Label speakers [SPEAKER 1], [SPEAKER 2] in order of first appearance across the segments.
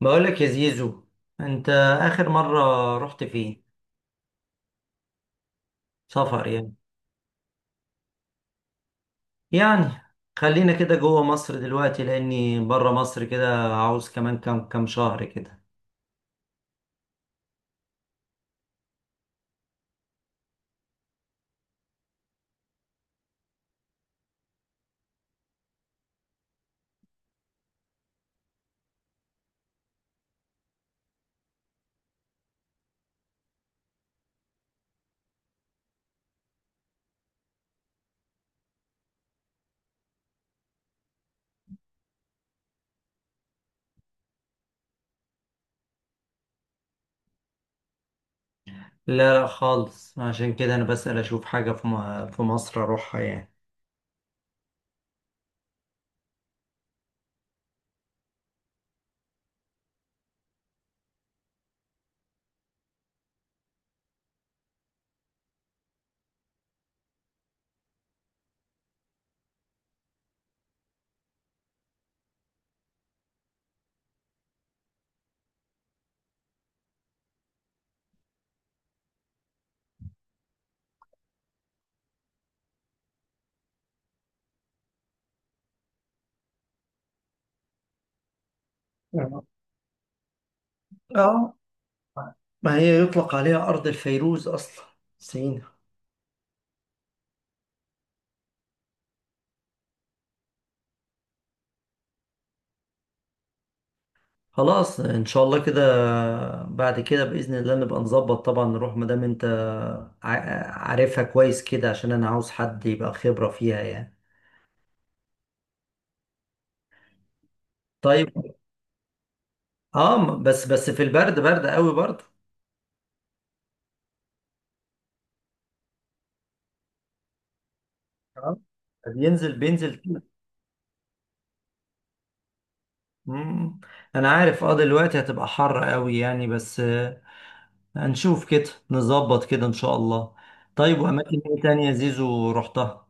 [SPEAKER 1] بقولك يا زيزو، انت اخر مرة رحت فين؟ سفر يعني. يعني خلينا كده جوه مصر دلوقتي لاني بره مصر كده عاوز كمان كام شهر كده. لا خالص، عشان كده انا بسأل اشوف حاجة في مصر اروحها يعني. اه آه. ما هي يطلق عليها أرض الفيروز أصلا، سينا. خلاص ان شاء الله كده، بعد كده باذن الله نبقى نظبط طبعا نروح ما دام انت عارفها كويس كده عشان انا عاوز حد يبقى خبره فيها يعني. طيب. اه، بس في البرد، برد قوي برضه. آه، بينزل كده. مم. انا عارف، اه دلوقتي هتبقى حر قوي يعني بس آه، هنشوف كده نظبط كده ان شاء الله. طيب، واماكن ايه تانية يا زيزو رحتها؟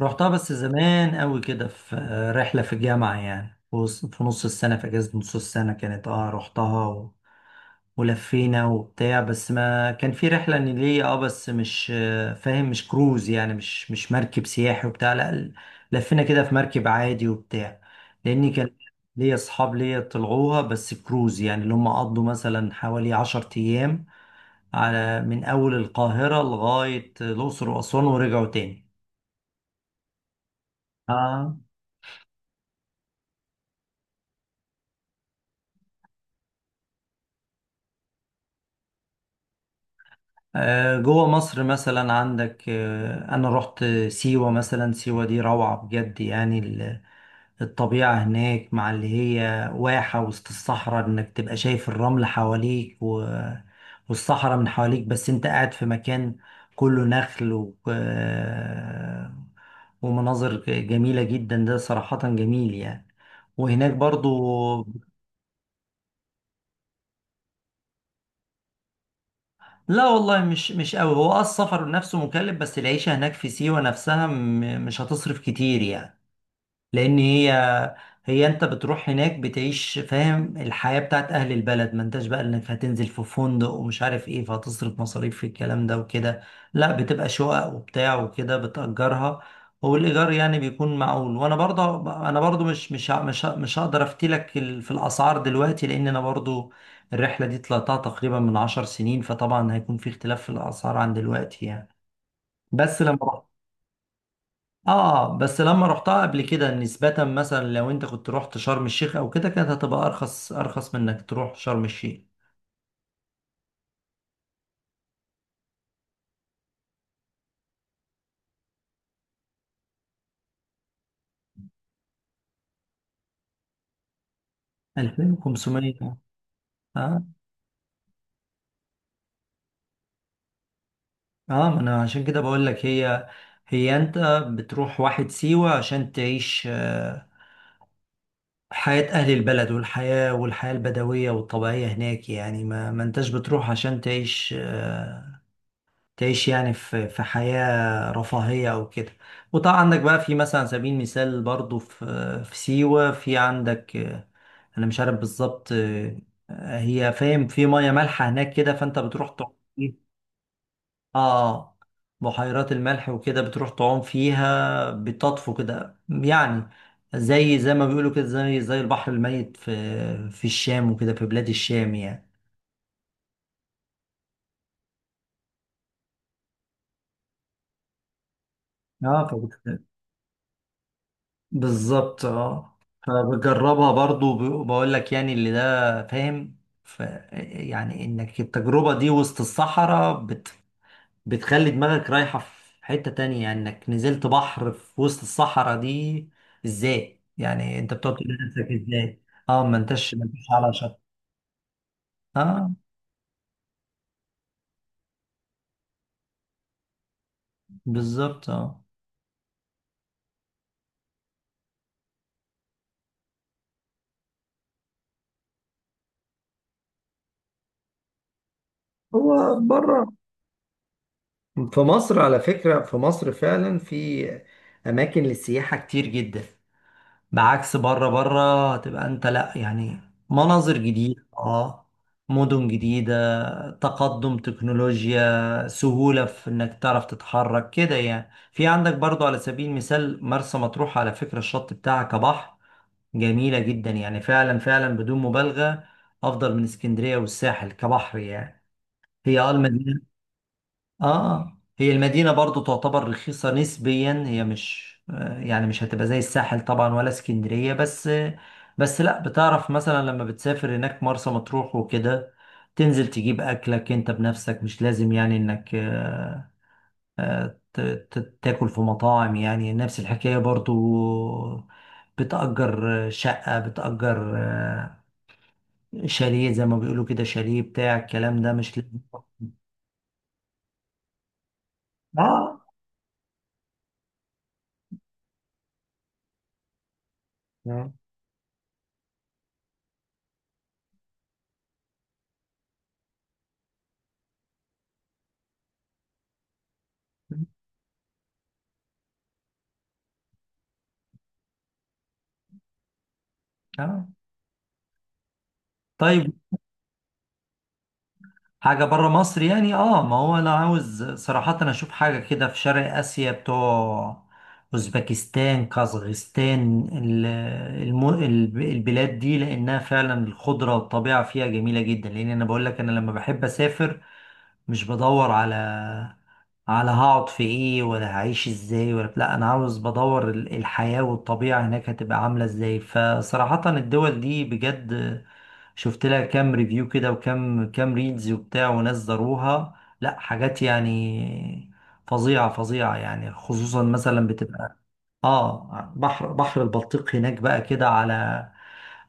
[SPEAKER 1] رحتها بس زمان قوي كده، في رحلة في الجامعة يعني في نص السنة، في أجازة نص السنة كانت، اه رحتها ولفينا وبتاع، بس ما كان في رحلة نيلية. اه بس مش آه، فاهم مش كروز يعني مش مركب سياحي وبتاع، لا. لفينا كده في مركب عادي وبتاع، لأني كان ليا أصحاب ليا طلعوها بس كروز، يعني اللي هم قضوا مثلا حوالي 10 أيام، على من أول القاهرة لغاية الأقصر وأسوان ورجعوا تاني. اه آه، جوه مصر مثلا عندك آه، انا رحت سيوة مثلا. سيوة دي روعة بجد يعني، الطبيعة هناك مع اللي هي واحة وسط الصحراء، انك تبقى شايف الرمل حواليك والصحراء من حواليك بس انت قاعد في مكان كله نخل و... آه، ومناظر جميلة جدا، ده صراحة جميل يعني. وهناك برضو، لا والله مش قوي. هو اه السفر نفسه مكلف، بس العيشة هناك في سيوة نفسها مش هتصرف كتير يعني، لان هي انت بتروح هناك بتعيش فاهم الحياة بتاعت اهل البلد، ما انتش بقى انك هتنزل في فندق ومش عارف ايه فهتصرف مصاريف في الكلام ده وكده. لا بتبقى شقق وبتاع وكده بتأجرها، والايجار يعني بيكون معقول. وانا برضه مش هقدر افتيلك في الاسعار دلوقتي لان انا برضه الرحلة دي طلعتها تقريبا من 10 سنين، فطبعا هيكون في اختلاف في الاسعار عن دلوقتي يعني. بس لما اه بس لما رحتها قبل كده، نسبة مثلا لو انت كنت رحت شرم الشيخ او كده كانت هتبقى ارخص، من انك تروح شرم الشيخ. 2500. اه. اه ما انا عشان كده بقول لك. هي انت بتروح واحد سيوة عشان تعيش آه، حياة اهل البلد والحياة، البدوية والطبيعية هناك يعني، ما انتش بتروح عشان تعيش آه، تعيش يعني في حياة رفاهية أو كده. وطبعا عندك بقى في مثلا على سبيل المثال برضو في سيوة في عندك آه، أنا مش عارف بالظبط آه، هي فاهم في مية مالحة هناك كده فأنت بتروح تعوم فيها. آه. آه، بحيرات الملح وكده بتروح تعوم فيها، بتطفو كده يعني، زي ما بيقولوا كده، زي البحر الميت في الشام وكده، في بلاد الشام يعني. اه بالظبط اه. فبجربها برضو وبقول لك يعني اللي ده فاهم ف يعني انك التجربة دي وسط الصحراء بتخلي دماغك رايحة في حتة تانية، يعني انك نزلت بحر في وسط الصحراء دي ازاي، يعني انت بتقعد تقول لنفسك ازاي. اه ما انتش على شط. اه بالظبط اه. هو بره. في مصر على فكرة في مصر فعلا في أماكن للسياحة كتير جدا، بعكس بره. هتبقى انت لا يعني، مناظر جديدة. اه، مدن جديدة، تقدم تكنولوجيا، سهولة في انك تعرف تتحرك كده يعني. في عندك برضو على سبيل المثال مرسى مطروح، على فكرة الشط بتاعها كبحر جميلة جدا يعني، فعلا بدون مبالغة افضل من اسكندرية والساحل كبحر يعني. هي اه المدينة اه هي المدينة برضو تعتبر رخيصة نسبيا. هي مش آه، يعني مش هتبقى زي الساحل طبعا ولا اسكندرية، بس آه، بس لا بتعرف مثلا لما بتسافر هناك مرسى مطروح وكده، تنزل تجيب أكلك انت بنفسك، مش لازم يعني انك تاكل في مطاعم، يعني نفس الحكاية برضو، بتأجر شقة، بتأجر آه، شاليه زي ما بيقولوا كده، شاليه بتاع الكلام ده مش لازم. اه آه. اه طيب. حاجة بره مصر يعني، اه ما هو انا عاوز صراحة انا اشوف حاجة كده في شرق اسيا، بتوع اوزبكستان، كازغستان، البلاد دي، لانها فعلا الخضرة والطبيعة فيها جميلة جدا. لان انا بقول لك انا لما بحب اسافر مش بدور على على هقعد في ايه ولا هعيش ازاي، ولا لا انا عاوز بدور الحياة والطبيعة هناك هتبقى عاملة ازاي، فصراحة الدول دي بجد شفت لها كام ريفيو كده، وكام ريلز وبتاع، وناس زاروها، لا حاجات يعني فظيعة يعني. خصوصا مثلا بتبقى اه بحر البلطيق هناك بقى كده، على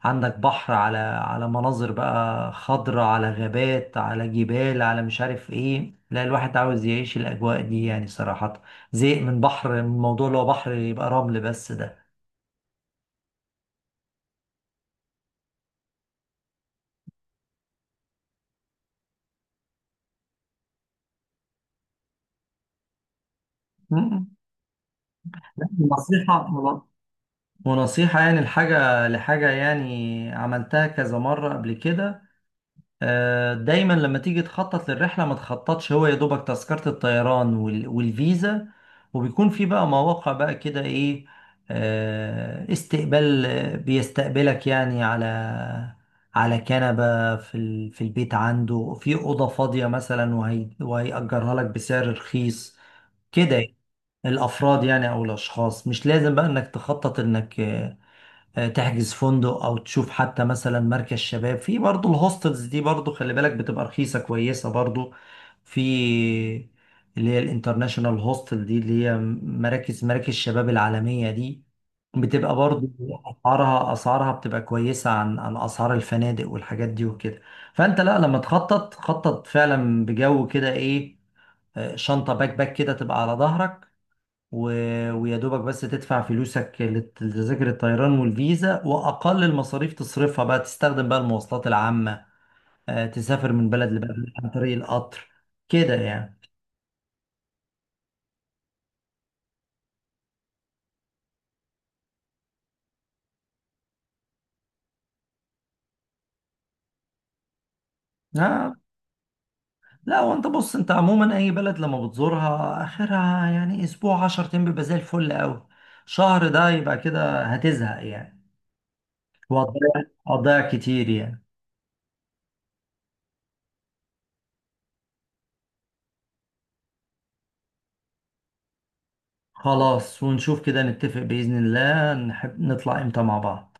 [SPEAKER 1] عندك بحر، على على مناظر بقى، خضرة، على غابات، على جبال، على مش عارف ايه، لا الواحد عاوز يعيش الأجواء دي يعني صراحة، زهق من بحر، من الموضوع اللي هو بحر يبقى رمل بس ده. م- م. نصيحة، يعني الحاجة لحاجة يعني عملتها كذا مرة قبل كده، آه، دايما لما تيجي تخطط للرحلة ما تخططش هو يا دوبك تذكرة الطيران والفيزا، وبيكون في بقى مواقع بقى كده ايه، آه، استقبال، آه، بيستقبلك يعني على على كنبة في البيت عنده في أوضة فاضية مثلا، وهيأجرها لك بسعر رخيص كده يعني، الأفراد يعني أو الأشخاص، مش لازم بقى إنك تخطط إنك آه، تحجز فندق، او تشوف حتى مثلا مركز شباب. في برضو الهوستلز دي برضو خلي بالك بتبقى رخيصة كويسة برضو، في اللي هي الانترناشونال هوستل، دي اللي هي مراكز الشباب العالمية دي، بتبقى برضو اسعارها بتبقى كويسة عن عن اسعار الفنادق والحاجات دي وكده. فانت لا لما تخطط خطط فعلا بجو كده ايه، آه، شنطة باك باك كده تبقى على ظهرك و... ويا دوبك بس تدفع فلوسك لتذاكر الطيران والفيزا، واقل المصاريف تصرفها بقى، تستخدم بقى المواصلات العامه، آه، تسافر من بلد لبلد عن طريق القطر كده يعني. آه، لا وانت بص، انت عموما اي بلد لما بتزورها اخرها يعني اسبوع 10 ايام بيبقى زي الفل قوي. شهر ده يبقى كده هتزهق يعني، وهتضيع هتضيع كتير يعني. خلاص ونشوف كده نتفق بإذن الله نحب نطلع امتى مع بعض